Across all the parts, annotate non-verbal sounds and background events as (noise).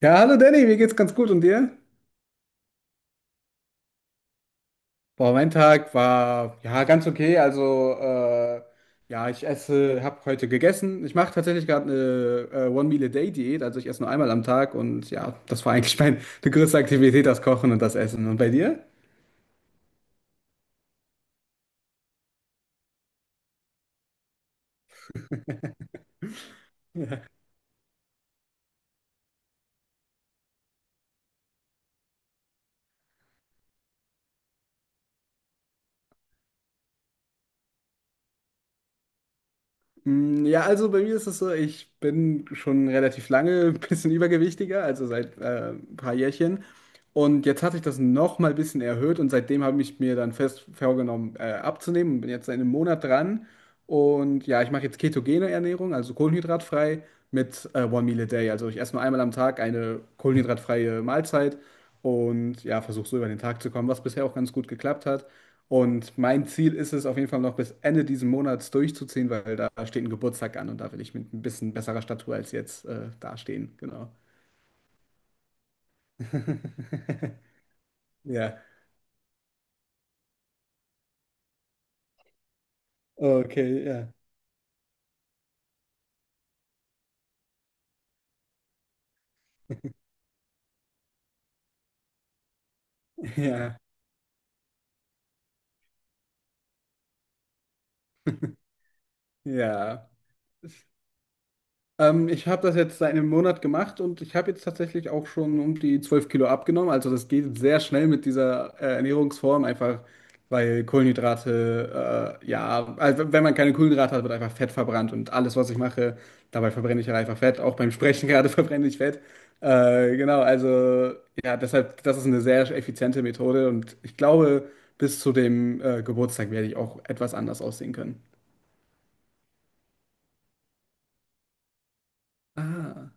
Ja, hallo Danny, mir geht's ganz gut und dir? Boah, mein Tag war ja ganz okay. Also, ja, ich esse, habe heute gegessen. Ich mache tatsächlich gerade eine One-Meal-a-Day-Diät, also ich esse nur einmal am Tag und ja, das war eigentlich (laughs) meine größte Aktivität, das Kochen und das Essen. Und bei dir? Mm, ja, also bei mir ist es so, ich bin schon relativ lange (laughs) ein bisschen übergewichtiger, also seit ein paar Jährchen. Und jetzt hatte ich das noch mal ein bisschen erhöht und seitdem habe ich mir dann fest vorgenommen, abzunehmen und bin jetzt seit einem Monat dran. Und ja, ich mache jetzt ketogene Ernährung, also kohlenhydratfrei mit One Meal a Day. Also ich esse nur einmal am Tag eine kohlenhydratfreie Mahlzeit und ja, versuche so über den Tag zu kommen, was bisher auch ganz gut geklappt hat. Und mein Ziel ist es auf jeden Fall noch bis Ende dieses Monats durchzuziehen, weil da steht ein Geburtstag an und da will ich mit ein bisschen besserer Statur als jetzt dastehen. Genau. (laughs) Ja. Okay, ja. Ja. Ja. Ich habe das jetzt seit einem Monat gemacht und ich habe jetzt tatsächlich auch schon um die 12 Kilo abgenommen. Also das geht sehr schnell mit dieser Ernährungsform, einfach weil Kohlenhydrate, ja, also wenn man keine Kohlenhydrate hat, wird einfach Fett verbrannt und alles, was ich mache, dabei verbrenne ich halt einfach Fett. Auch beim Sprechen (laughs) gerade verbrenne ich Fett. Genau, also ja, deshalb, das ist eine sehr effiziente Methode und ich glaube, bis zu dem Geburtstag werde ich auch etwas anders aussehen können. Ah,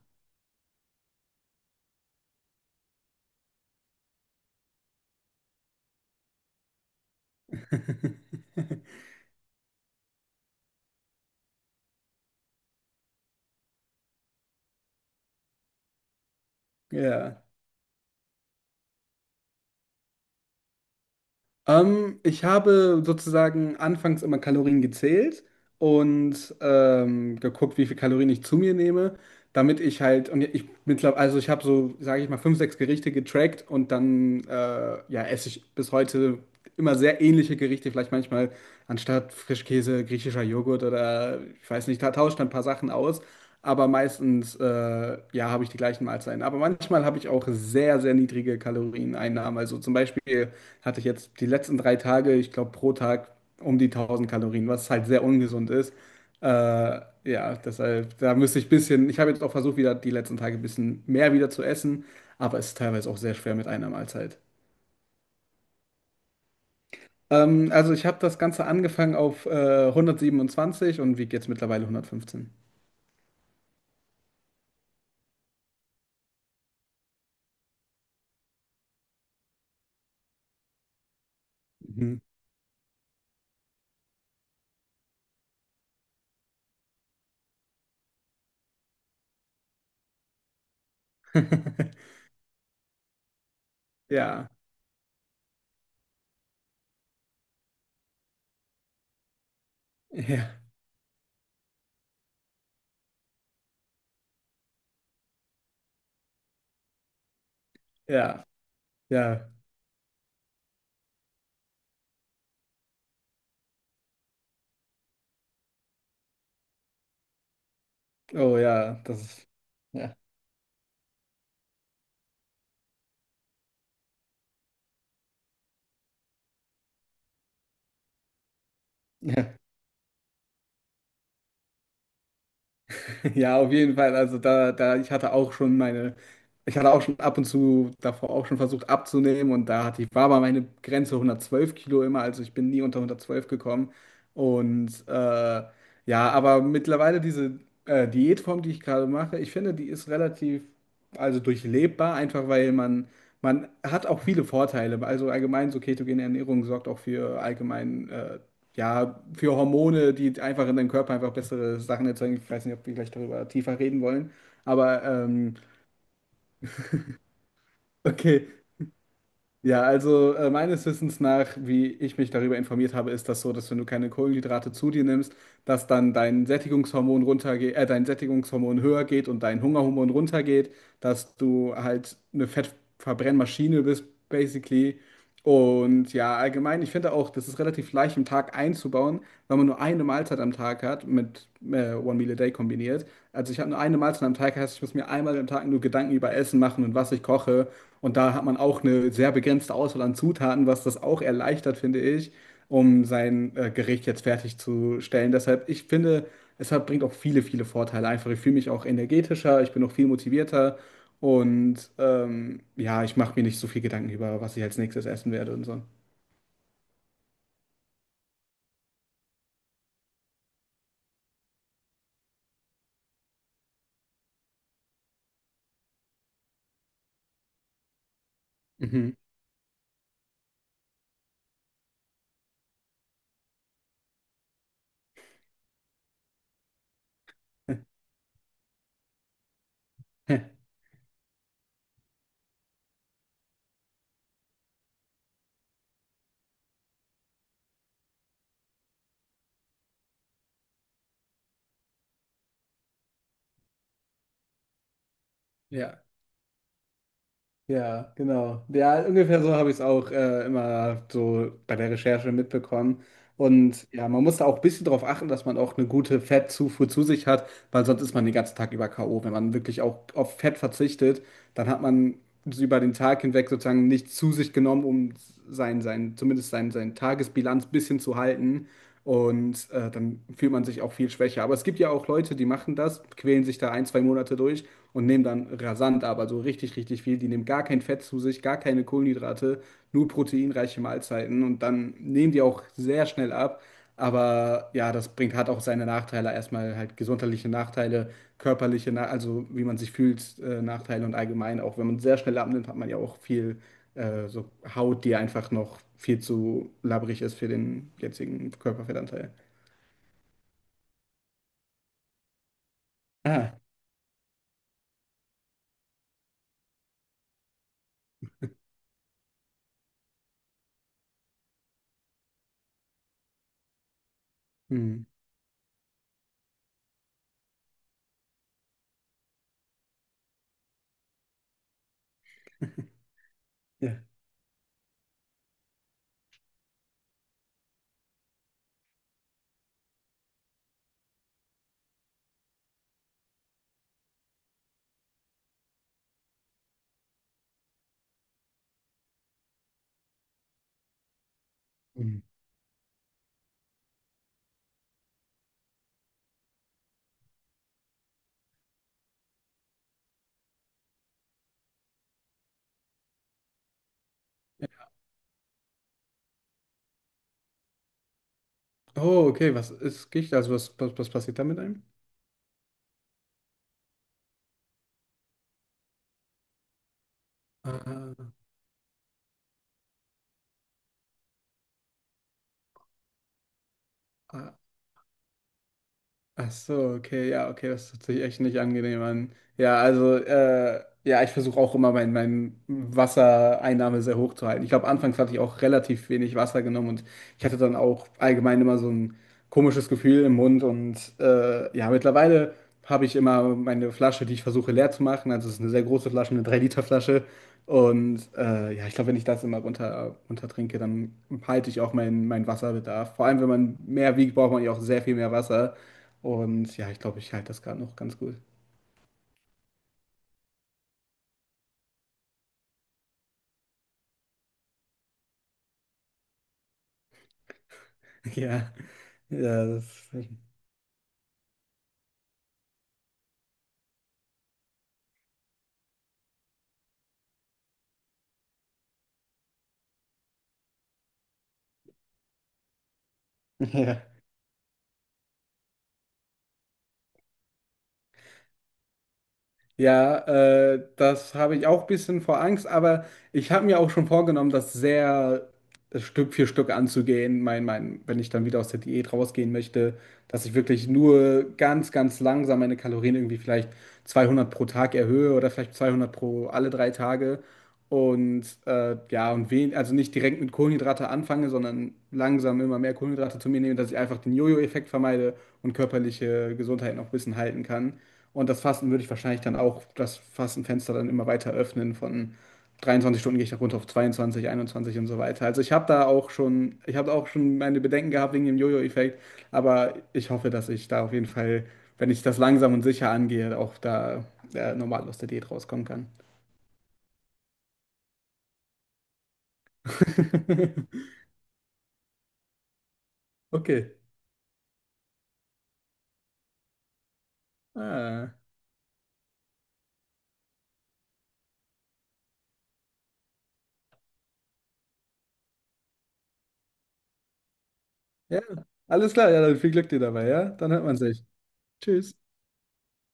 (laughs) ja. Ich habe sozusagen anfangs immer Kalorien gezählt und geguckt, wie viel Kalorien ich zu mir nehme, damit ich halt, und ich mittlerweile, also ich habe so, sage ich mal, fünf, sechs Gerichte getrackt und dann, ja, esse ich bis heute immer sehr ähnliche Gerichte, vielleicht manchmal anstatt Frischkäse griechischer Joghurt oder ich weiß nicht, da tauscht ein paar Sachen aus, aber meistens ja, habe ich die gleichen Mahlzeiten. Aber manchmal habe ich auch sehr, sehr niedrige Kalorieneinnahmen. Also zum Beispiel hatte ich jetzt die letzten 3 Tage, ich glaube pro Tag um die 1000 Kalorien, was halt sehr ungesund ist. Äh, ja, deshalb, da müsste ich ein bisschen, ich habe jetzt auch versucht, wieder die letzten Tage ein bisschen mehr wieder zu essen, aber es ist teilweise auch sehr schwer mit einer Mahlzeit. Also ich habe das Ganze angefangen auf 127 und wiege jetzt mittlerweile 115. Mhm. (laughs) Ja, ja, ja, ja. Oh ja, das ist. Ja. Ja. (laughs) Ja, auf jeden Fall. Also da, ich hatte auch schon meine, ich hatte auch schon ab und zu davor auch schon versucht abzunehmen und da hatte ich, war aber meine Grenze 112 Kilo immer, also ich bin nie unter 112 gekommen. Und ja, aber mittlerweile diese Diätform, die ich gerade mache, ich finde, die ist relativ, also durchlebbar, einfach weil man hat auch viele Vorteile. Also allgemein so ketogene Ernährung sorgt auch für allgemein, ja, für Hormone, die einfach in deinem Körper einfach bessere Sachen erzeugen. Ich weiß nicht, ob wir gleich darüber tiefer reden wollen, aber (laughs) okay. Ja, also meines Wissens nach, wie ich mich darüber informiert habe, ist das so, dass wenn du keine Kohlenhydrate zu dir nimmst, dass dann dein Sättigungshormon runtergeht, dein Sättigungshormon höher geht und dein Hungerhormon runtergeht, dass du halt eine Fettverbrennmaschine bist, basically, und ja, allgemein, ich finde auch, das ist relativ leicht im Tag einzubauen, weil man nur eine Mahlzeit am Tag hat, mit One Meal a Day kombiniert. Also ich habe nur eine Mahlzeit am Tag, heißt, ich muss mir einmal am Tag nur Gedanken über Essen machen und was ich koche. Und da hat man auch eine sehr begrenzte Auswahl an Zutaten, was das auch erleichtert, finde ich, um sein Gericht jetzt fertigzustellen. Deshalb, ich finde, es hat, bringt auch viele, viele Vorteile einfach. Ich fühle mich auch energetischer, ich bin auch viel motivierter. Und ja, ich mache mir nicht so viel Gedanken über, was ich als nächstes essen werde und so. Mhm. (laughs) Ja, ja, genau. Ja, ungefähr so habe ich es auch immer so bei der Recherche mitbekommen. Und ja, man muss da auch ein bisschen drauf achten, dass man auch eine gute Fettzufuhr zu sich hat, weil sonst ist man den ganzen Tag über K.O. Wenn man wirklich auch auf Fett verzichtet, dann hat man über den Tag hinweg sozusagen nichts zu sich genommen, um sein, zumindest sein Tagesbilanz ein bisschen zu halten. Und dann fühlt man sich auch viel schwächer. Aber es gibt ja auch Leute, die machen das, quälen sich da ein, zwei Monate durch und nehmen dann rasant aber so richtig, richtig viel. Die nehmen gar kein Fett zu sich, gar keine Kohlenhydrate, nur proteinreiche Mahlzeiten und dann nehmen die auch sehr schnell ab. Aber ja, das bringt, hat auch seine Nachteile. Erstmal halt gesundheitliche Nachteile, körperliche, na also wie man sich fühlt, Nachteile und allgemein auch, wenn man sehr schnell abnimmt, hat man ja auch viel so Haut, die einfach noch viel zu labbrig ist für den jetzigen Körperfettanteil. Ah, hm, ja. Hm. Ja. Oh, okay, was ist Gicht? Also was passiert da mit einem? Ah, ah, ach so, okay, ja, okay, das hört sich echt nicht angenehm an. Ja, also, ja, ich versuche auch immer mein Wassereinnahme sehr hoch zu halten. Ich glaube, anfangs hatte ich auch relativ wenig Wasser genommen und ich hatte dann auch allgemein immer so ein komisches Gefühl im Mund und ja, mittlerweile habe ich immer meine Flasche, die ich versuche leer zu machen. Also, es ist eine sehr große Flasche, eine 3 Liter flasche. Und ja, ich glaube, wenn ich das immer runter, runter trinke, dann halte ich auch meinen Wasserbedarf. Vor allem, wenn man mehr wiegt, braucht man ja auch sehr viel mehr Wasser. Und ja, ich glaube, ich halte das gerade noch ganz gut. (laughs) Ja, ja, das, (laughs) ja. Ja, das habe ich auch ein bisschen vor Angst, aber ich habe mir auch schon vorgenommen, das sehr Stück für Stück anzugehen. Wenn ich dann wieder aus der Diät rausgehen möchte, dass ich wirklich nur ganz, ganz langsam meine Kalorien irgendwie vielleicht 200 pro Tag erhöhe oder vielleicht 200 pro alle 3 Tage. Und ja, und also nicht direkt mit Kohlenhydrate anfange, sondern langsam immer mehr Kohlenhydrate zu mir nehme, dass ich einfach den Jojo-Effekt vermeide und körperliche Gesundheit noch ein bisschen halten kann. Und das Fasten würde ich wahrscheinlich dann auch das Fastenfenster dann immer weiter öffnen. Von 23 Stunden gehe ich da runter auf 22, 21 und so weiter. Also ich habe da auch schon, ich habe auch schon meine Bedenken gehabt wegen dem Jojo-Effekt, aber ich hoffe, dass ich da auf jeden Fall, wenn ich das langsam und sicher angehe, auch da normal aus der Diät rauskommen kann. (laughs) Okay. Ah, ja, alles klar. Ja, dann viel Glück dir dabei, ja? Dann hört man sich. Tschüss.